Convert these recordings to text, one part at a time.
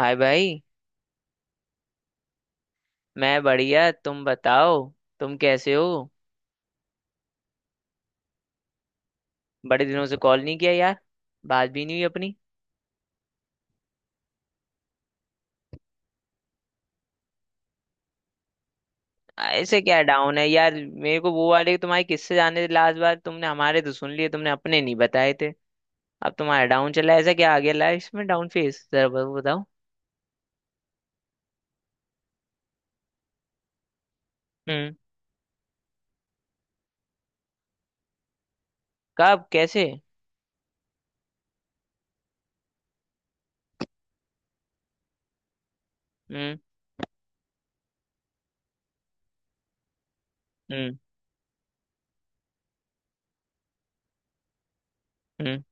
हाय भाई। मैं बढ़िया, तुम बताओ। तुम कैसे हो? बड़े दिनों से कॉल नहीं किया यार। बात भी नहीं हुई अपनी। ऐसे क्या डाउन है यार? मेरे को वो वाले तुम्हारे किससे जाने थे लास्ट बार, तुमने हमारे तो सुन लिए, तुमने अपने नहीं बताए थे। अब तुम्हारा डाउन चला है, ऐसा क्या आ गया लाइफ में? डाउन फेस जरा बताओ। हम्म। कब, कैसे? हम्म। हम्म। हम्म।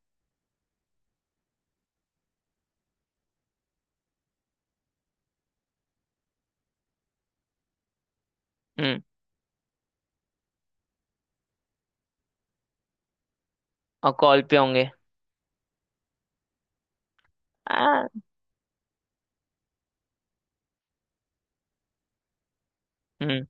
हम्म। और कॉल पे होंगे? आ। हम्म।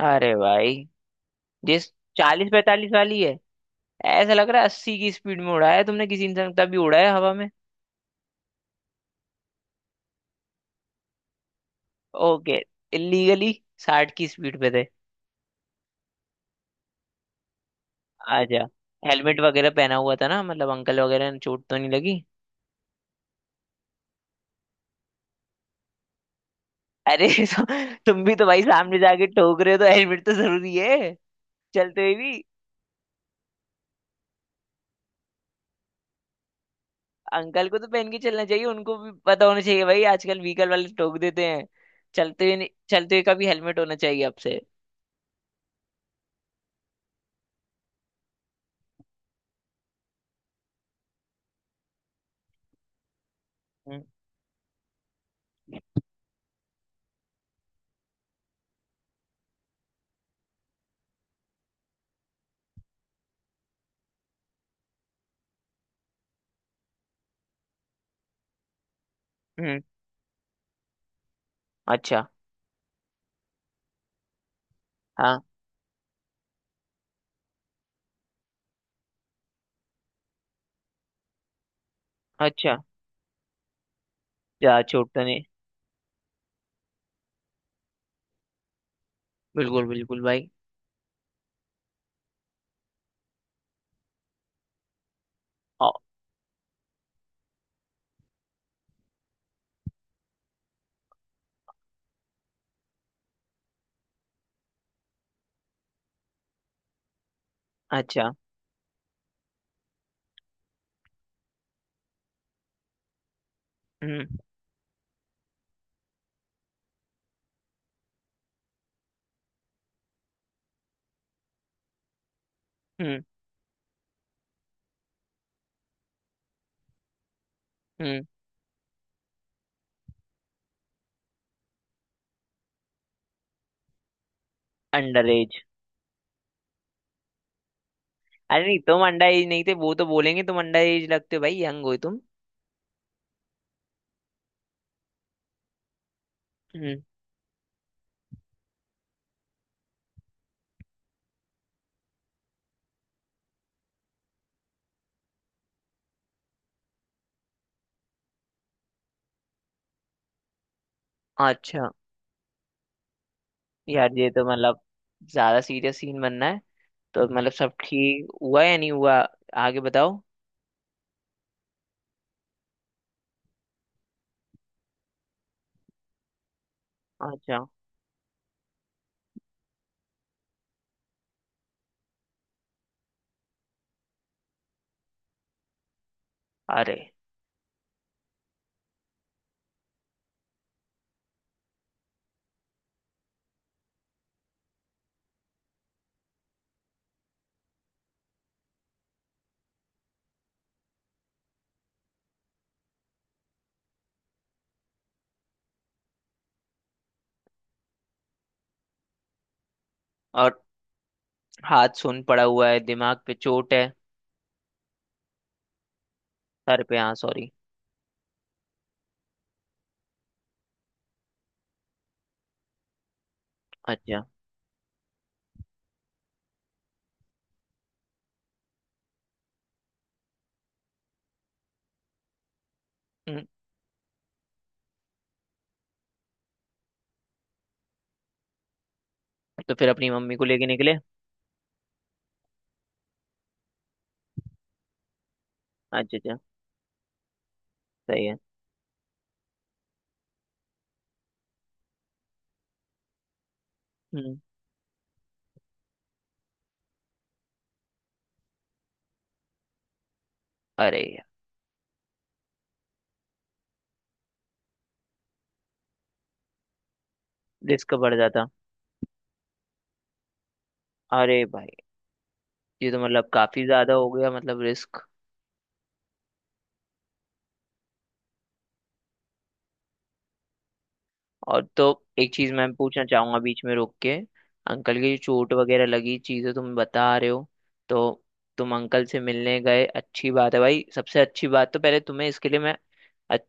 अरे भाई! जिस चालीस पैंतालीस वाली है, ऐसा लग रहा है 80 की स्पीड में उड़ाया है तुमने किसी इंसान को, तब भी उड़ाया हवा में। ओके। इलीगली 60 की स्पीड पे थे। आजा। हेलमेट वगैरह पहना हुआ था ना? मतलब अंकल वगैरह ने चोट तो नहीं लगी? अरे तो, तुम भी तो भाई सामने जाके ठोक रहे हो तो हेलमेट तो जरूरी है। चलते हुए भी। अंकल को तो पहन के चलना चाहिए, उनको भी पता होना चाहिए भाई, आजकल व्हीकल वाले ठोक देते हैं। चलते हुए नहीं- चलते हुए का भी हेलमेट होना चाहिए आपसे। हम्म। हम्म, अच्छा। हाँ। अच्छा। जा चोट तो नहीं? बिल्कुल बिल्कुल भाई। औ- अच्छा। हम्म। हम्म। हम्म। अंडर। अरे नहीं, तुम अंडर एज नहीं थे। वो तो बोलेंगे तुम अंडर एज लगते हो भाई, यंग हो तुम। हम्म, अच्छा। यार ये तो मतलब ज्यादा सीरियस सीन बनना है। तो मतलब सब ठीक हुआ या नहीं हुआ? आगे बताओ। अच्छा। अरे। और हाथ सुन पड़ा हुआ है, दिमाग पे चोट है? सर पे, हाँ सॉरी। अच्छा। हम्म, तो फिर अपनी मम्मी को लेके निकले? अच्छा अच्छा। सही है। हम्म। अरे यार। रिस्क बढ़ जाता। अरे भाई, ये तो मतलब काफी ज्यादा हो गया मतलब रिस्क। और तो एक चीज मैं पूछना चाहूंगा बीच में रोक के। अंकल की जो चोट वगैरह लगी चीजें तुम बता रहे हो, तो तुम अंकल से मिलने गए, अच्छी बात है भाई, सबसे अच्छी बात। तो पहले तुम्हें इसके लिए मैं अच-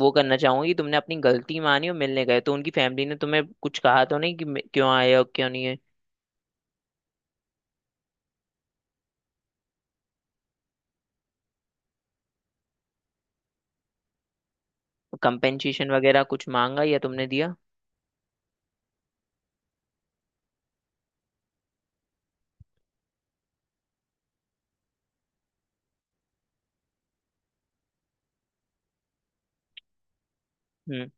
वो करना चाहूंगा कि तुमने अपनी गलती मानी और मिलने गए। तो उनकी फैमिली ने तुम्हें कुछ कहा तो नहीं कि क्यों आए हो क्यों नहीं है? कंपेंसेशन वगैरह कुछ मांगा या तुमने दिया? हम्म।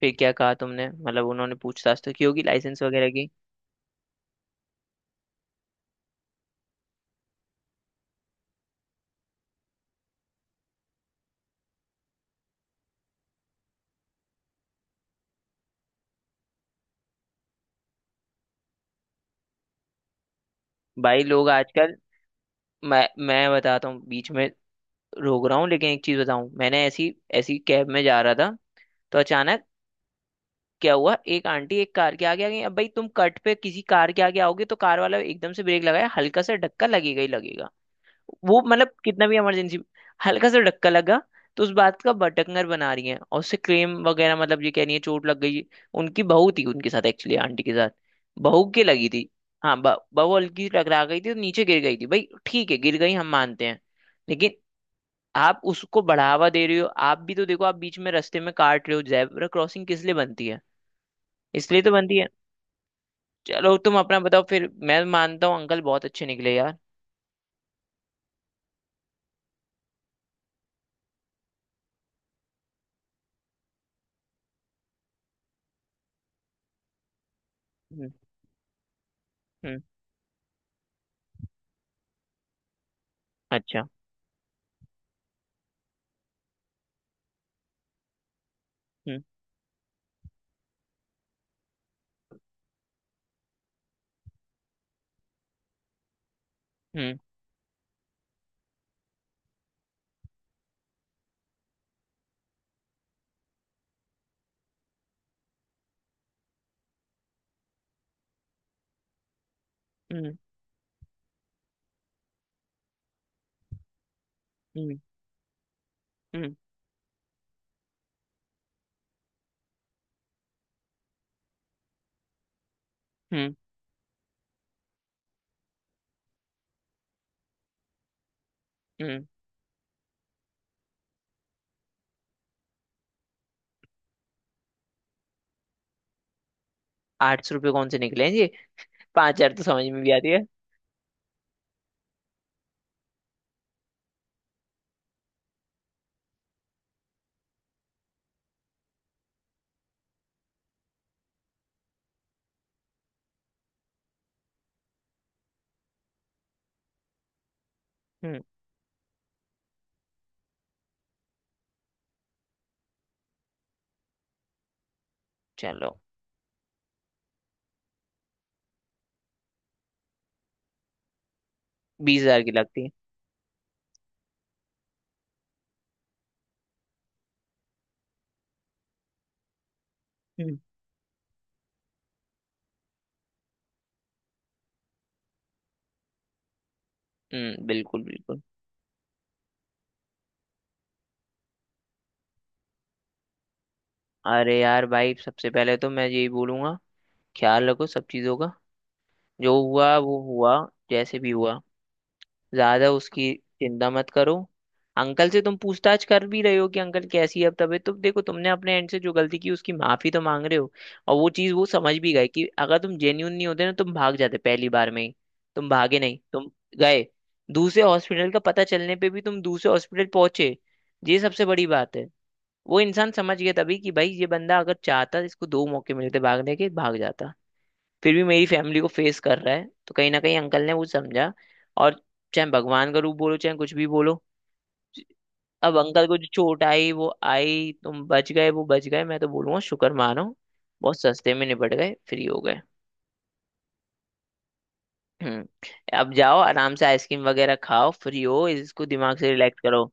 फिर क्या कहा तुमने? मतलब उन्होंने पूछताछ तो की होगी लाइसेंस वगैरह की। भाई लोग आजकल मैं बताता हूँ बीच में, रोक रहा हूँ लेकिन एक चीज बताऊं, मैंने ऐसी ऐसी कैब में जा रहा था तो अचानक क्या हुआ, एक आंटी एक कार के आगे आ गई। अब भाई तुम कट पे किसी कार के आगे आओगे तो कार वाला एकदम से ब्रेक लगाया, हल्का सा धक्का लगेगा ही लगेगा। वो मतलब कितना भी इमरजेंसी, हल्का सा धक्का लगा, तो उस बात का बटकनर बना रही है और उससे क्लेम वगैरह, मतलब ये कह रही है चोट लग गई। उनकी बहू थी उनके साथ, एक्चुअली आंटी के साथ, बहू के लगी थी। हाँ, बहू हल्की सी टकरा गई थी तो नीचे गिर गई थी भाई, ठीक है गिर गई, हम मानते हैं। लेकिन आप उसको बढ़ावा दे रहे हो, आप भी तो देखो, आप बीच में रास्ते में काट रहे हो, जेब्रा क्रॉसिंग किस लिए बनती है? इसलिए तो बनती है। चलो तुम अपना बताओ। फिर मैं मानता हूँ अंकल बहुत अच्छे निकले यार। हम्म। हम्म। अच्छा। हम्म। हम्म। हम्म। हम्म। हम्म। हम्म। हम्म। 800 रुपये कौन से निकले हैं जी? 5,000 तो समझ में भी आती है। हम्म। चलो। 20,000 की लगती है। हम्म। हम्म, बिल्कुल बिल्कुल। अरे यार भाई, सबसे पहले तो मैं यही बोलूंगा, ख्याल रखो सब चीजों का। जो हुआ वो हुआ, जैसे भी हुआ, ज्यादा उसकी चिंता मत करो। अंकल से तुम पूछताछ कर भी रहे हो कि अंकल कैसी है अब तबीयत, तो देखो तुमने अपने एंड से जो गलती की उसकी माफी तो मांग रहे हो। और वो चीज वो समझ भी गए कि अगर तुम जेन्यून नहीं होते ना तुम भाग जाते पहली बार में ही। तुम भागे नहीं, तुम गए। दूसरे हॉस्पिटल का पता चलने पे भी तुम दूसरे हॉस्पिटल पहुंचे, ये सबसे बड़ी बात है। वो इंसान समझ गया तभी कि भाई ये बंदा अगर चाहता इसको दो मौके मिलते भागने के, भाग जाता। फिर भी मेरी फैमिली को फेस कर रहा है, तो कहीं ना कहीं अंकल ने वो समझा। और चाहे भगवान का रूप बोलो, चाहे कुछ भी बोलो। अब अंकल को जो चोट आई वो आई, तुम बच गए, वो बच गए, मैं तो बोलूंगा शुक्र मानो। बहुत सस्ते में निपट गए, फ्री हो गए। हम्म। अब जाओ आराम से आइसक्रीम वगैरह खाओ, फ्री हो, इसको दिमाग से रिलैक्स करो।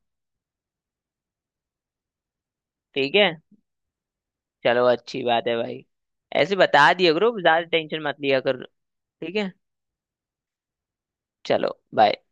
ठीक है? चलो अच्छी बात है भाई। ऐसे बता दिया करो, ज्यादा टेंशन मत लिया करो। ठीक है चलो, बाय।